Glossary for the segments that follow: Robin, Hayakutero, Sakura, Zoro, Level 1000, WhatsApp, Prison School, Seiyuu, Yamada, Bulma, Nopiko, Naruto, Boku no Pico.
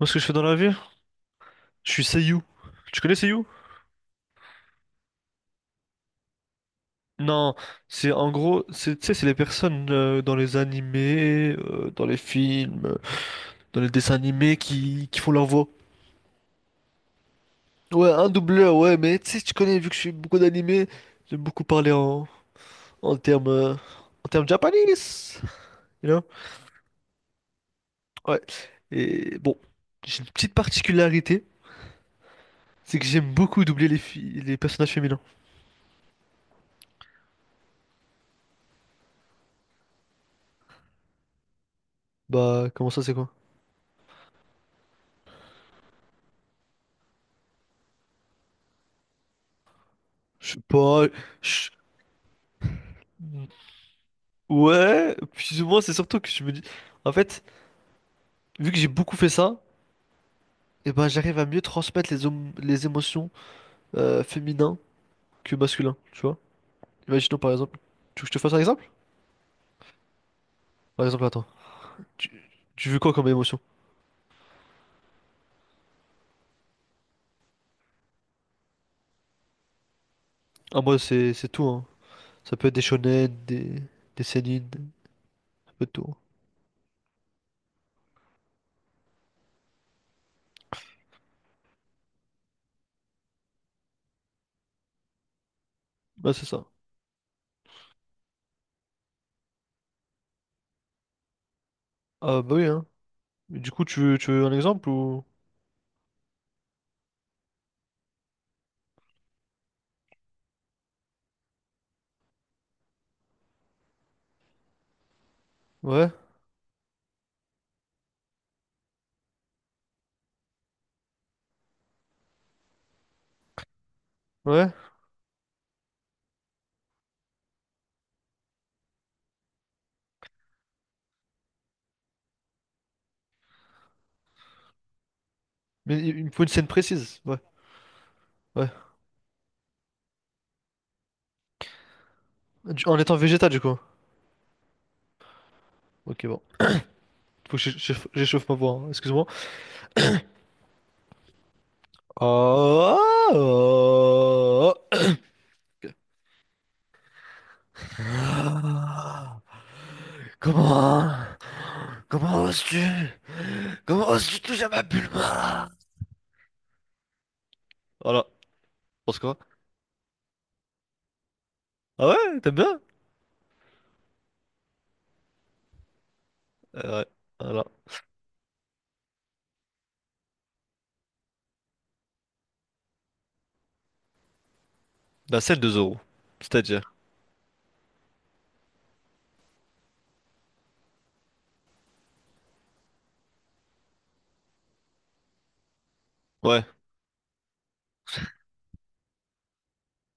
Moi, ce que je fais dans la vie, je suis Seiyuu. Tu connais Seiyuu? Non, c'est en gros, c'est, tu sais, c'est les personnes dans les animés, dans les films, dans les dessins animés qui font leur voix. Ouais, un doubleur, ouais, mais tu sais, tu connais, vu que je suis beaucoup d'animés, j'aime beaucoup parler en termes euh, en termes japonais, you know? Ouais. Et bon, j'ai une petite particularité, c'est que j'aime beaucoup doubler les filles, les personnages féminins. Bah, comment ça, c'est quoi? Je sais pas. je- Ouais, plus ou moins, c'est surtout que je me dis, en fait, vu que j'ai beaucoup fait ça, et ben j'arrive à mieux transmettre les émotions féminins que masculins, tu vois. Imaginons par exemple, tu veux que je te fasse un exemple? Par exemple, attends, tu, tu veux quoi comme émotion? Ah, moi, c'est tout, hein. Ça peut être des shonen, des seinen, un peu de tout, hein. Bah, c'est ça. Ah, bah oui, hein. Mais du coup, tu veux un exemple ou. Ouais, ouais. Mais il me faut une scène précise, ouais, ouais. En étant végétal, du coup. Ok, bon. Faut que j'échauffe ma voix, hein. Excuse-moi. Oh! Ah. Comment? Comment oses-tu? Comment oses-tu toucher à ma Bulma? Voilà. Pense quoi? Ah ouais? T'aimes bien? Ouais. Voilà. La celle de Zoro. C'est-à-dire. Ouais.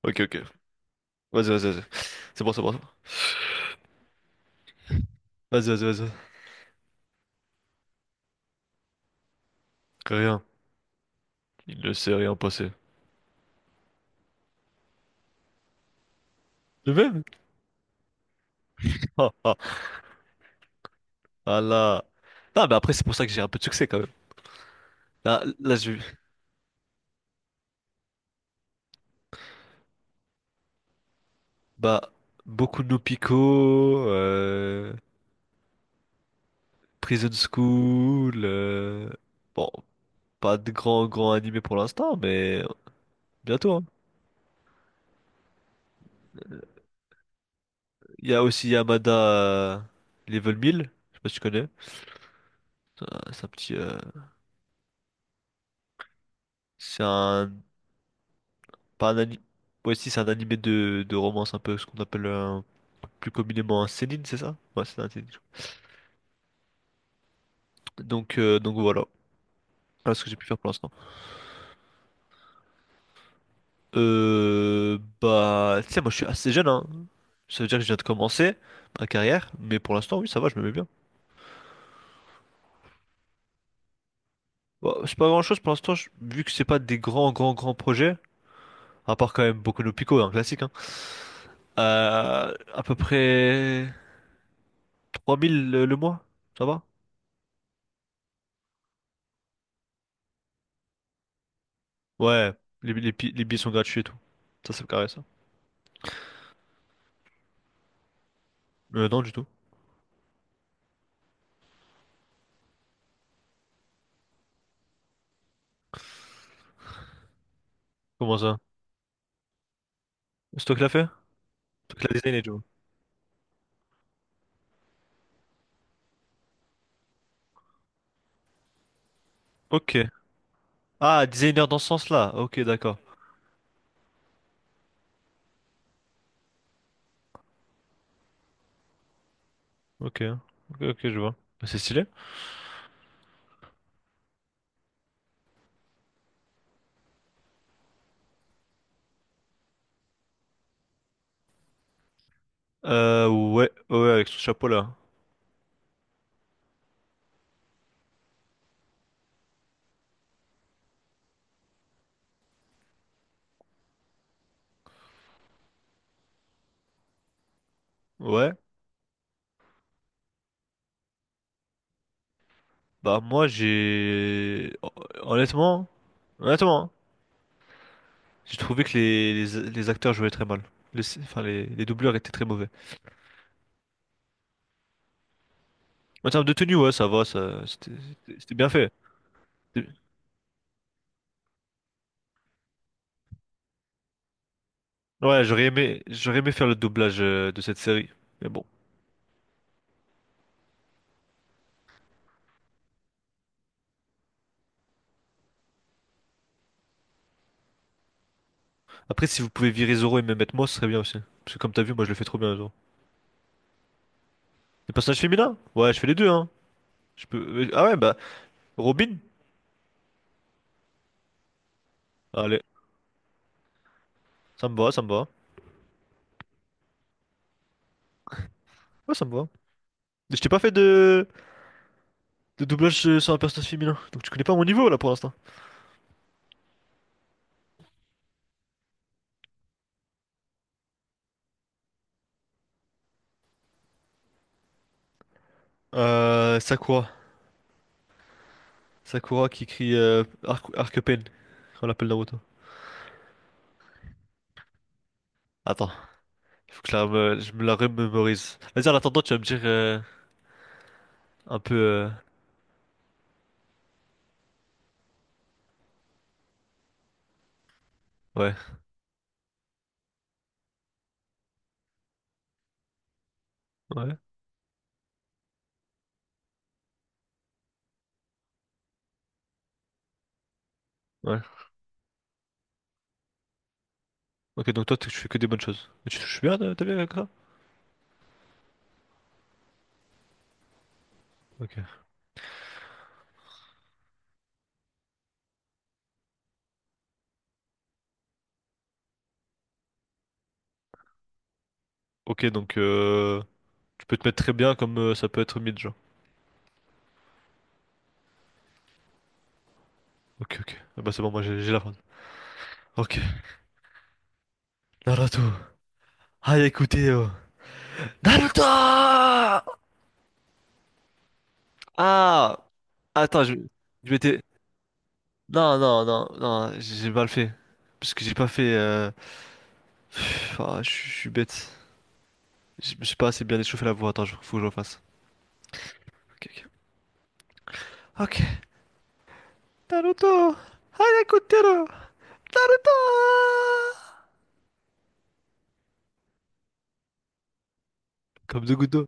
Ok, ok. Vas-y, vas-y, vas-y. C'est bon, c'est bon, c'est bon. Vas-y, vas-y, vas-y. Rien. Il ne s'est rien passé. Le même? Ah ah. Ah là. Non, mais après, c'est pour ça que j'ai un peu de succès quand même. Je... Bah, beaucoup de Nopiko, Prison School, bon, pas de grand animé pour l'instant, mais bientôt, hein. Il y a aussi Yamada euh, Level 1000. Je sais pas si tu connais. C'est un petit, c'est un. Pas un ani- Ouais, si, c'est un animé de romance un peu, ce qu'on appelle plus communément un seinen, c'est ça? Ouais, c'est un seinen. Donc voilà. Voilà ce que j'ai pu faire pour l'instant. Bah, tu sais, moi je suis assez jeune, hein. Ça veut dire que je viens de commencer ma carrière, mais pour l'instant, oui, ça va, je me mets bien. Bon, c'est pas grand-chose pour l'instant, vu que c'est pas des grands projets, à part quand même Boku no Pico, un classique, hein. À peu près 3000 le mois, ça va? Ouais, les billets sont gratuits et tout. Ça, me carré, ça. Non, du tout. Comment ça? C'est toi qui l'as fait? C'est toi qui l'as designé, tu vois. Ok. Ah, designer dans ce sens-là. Ok, d'accord. Ok. Ok, ok, je vois. Bah, c'est stylé. Ouais, ouais, ouais, avec son chapeau là. Ouais. Bah, moi, j'ai. Honnêtement, honnêtement, hein, j'ai trouvé que les acteurs jouaient très mal. Les doubleurs étaient très mauvais. En termes de tenue, ouais, ça va, ça, c'était bien fait. C'était- Ouais, j'aurais aimé faire le doublage de cette série. Mais bon. Après, si vous pouvez virer Zoro et me mettre moi, ce serait bien aussi. Parce que comme t'as vu, moi je le fais trop bien, Zoro. Les personnages féminins? Ouais, je fais les deux, hein. Je peux... ah ouais, bah, Robin? Allez, ça me va, ça me va. Ouais, ça me va. Mais je t'ai pas fait de doublage sur un personnage féminin, donc tu connais pas mon niveau là pour l'instant. Sakura. Sakura qui crie Arc-Pen, on l'appelle Naruto. Attends, il faut que je je me la remémorise. Vas-y, en attendant, tu vas me dire un peu, ouais, ouais, ouais. Ok, donc toi, tu fais que des bonnes choses. Et tu touches bien, t'es bien avec ça? Ok. Ok, donc tu peux te mettre très bien comme ça peut être mid, genre. Ok, ok. Ah bah c'est bon, moi j'ai la fin. Ok. Naruto. Ah, écoutez, Naruto! Ah! Attends, je m'étais. Non, non, non, non, j'ai mal fait. Parce que j'ai pas fait, pff, ah, je suis bête. Je me suis pas assez bien échauffé la voix. Attends, faut que je refasse. Ok, ok. Ok. Naruto! Hayakutero! Naruto! Comme deux gouttes d'eau.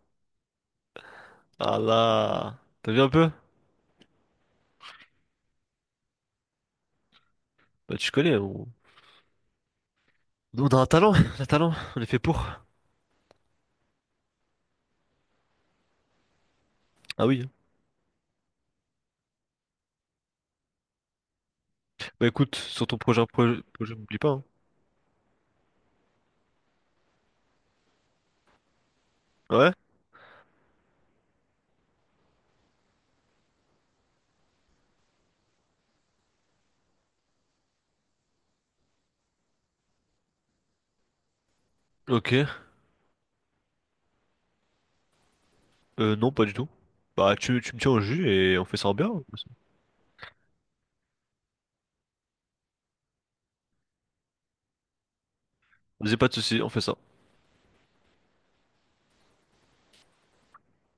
Ah là! T'as vu un peu? Bah, tu connais, on... Nous, on a un talent, on a un talent, on est fait pour. Ah oui. Bah écoute, sur ton prochain projet m'oublie pas, hein. Ouais? Ok. Non, pas du tout. Bah, tu me tiens au jus et on fait ça en bien. Vas-y, pas de soucis, on fait ça.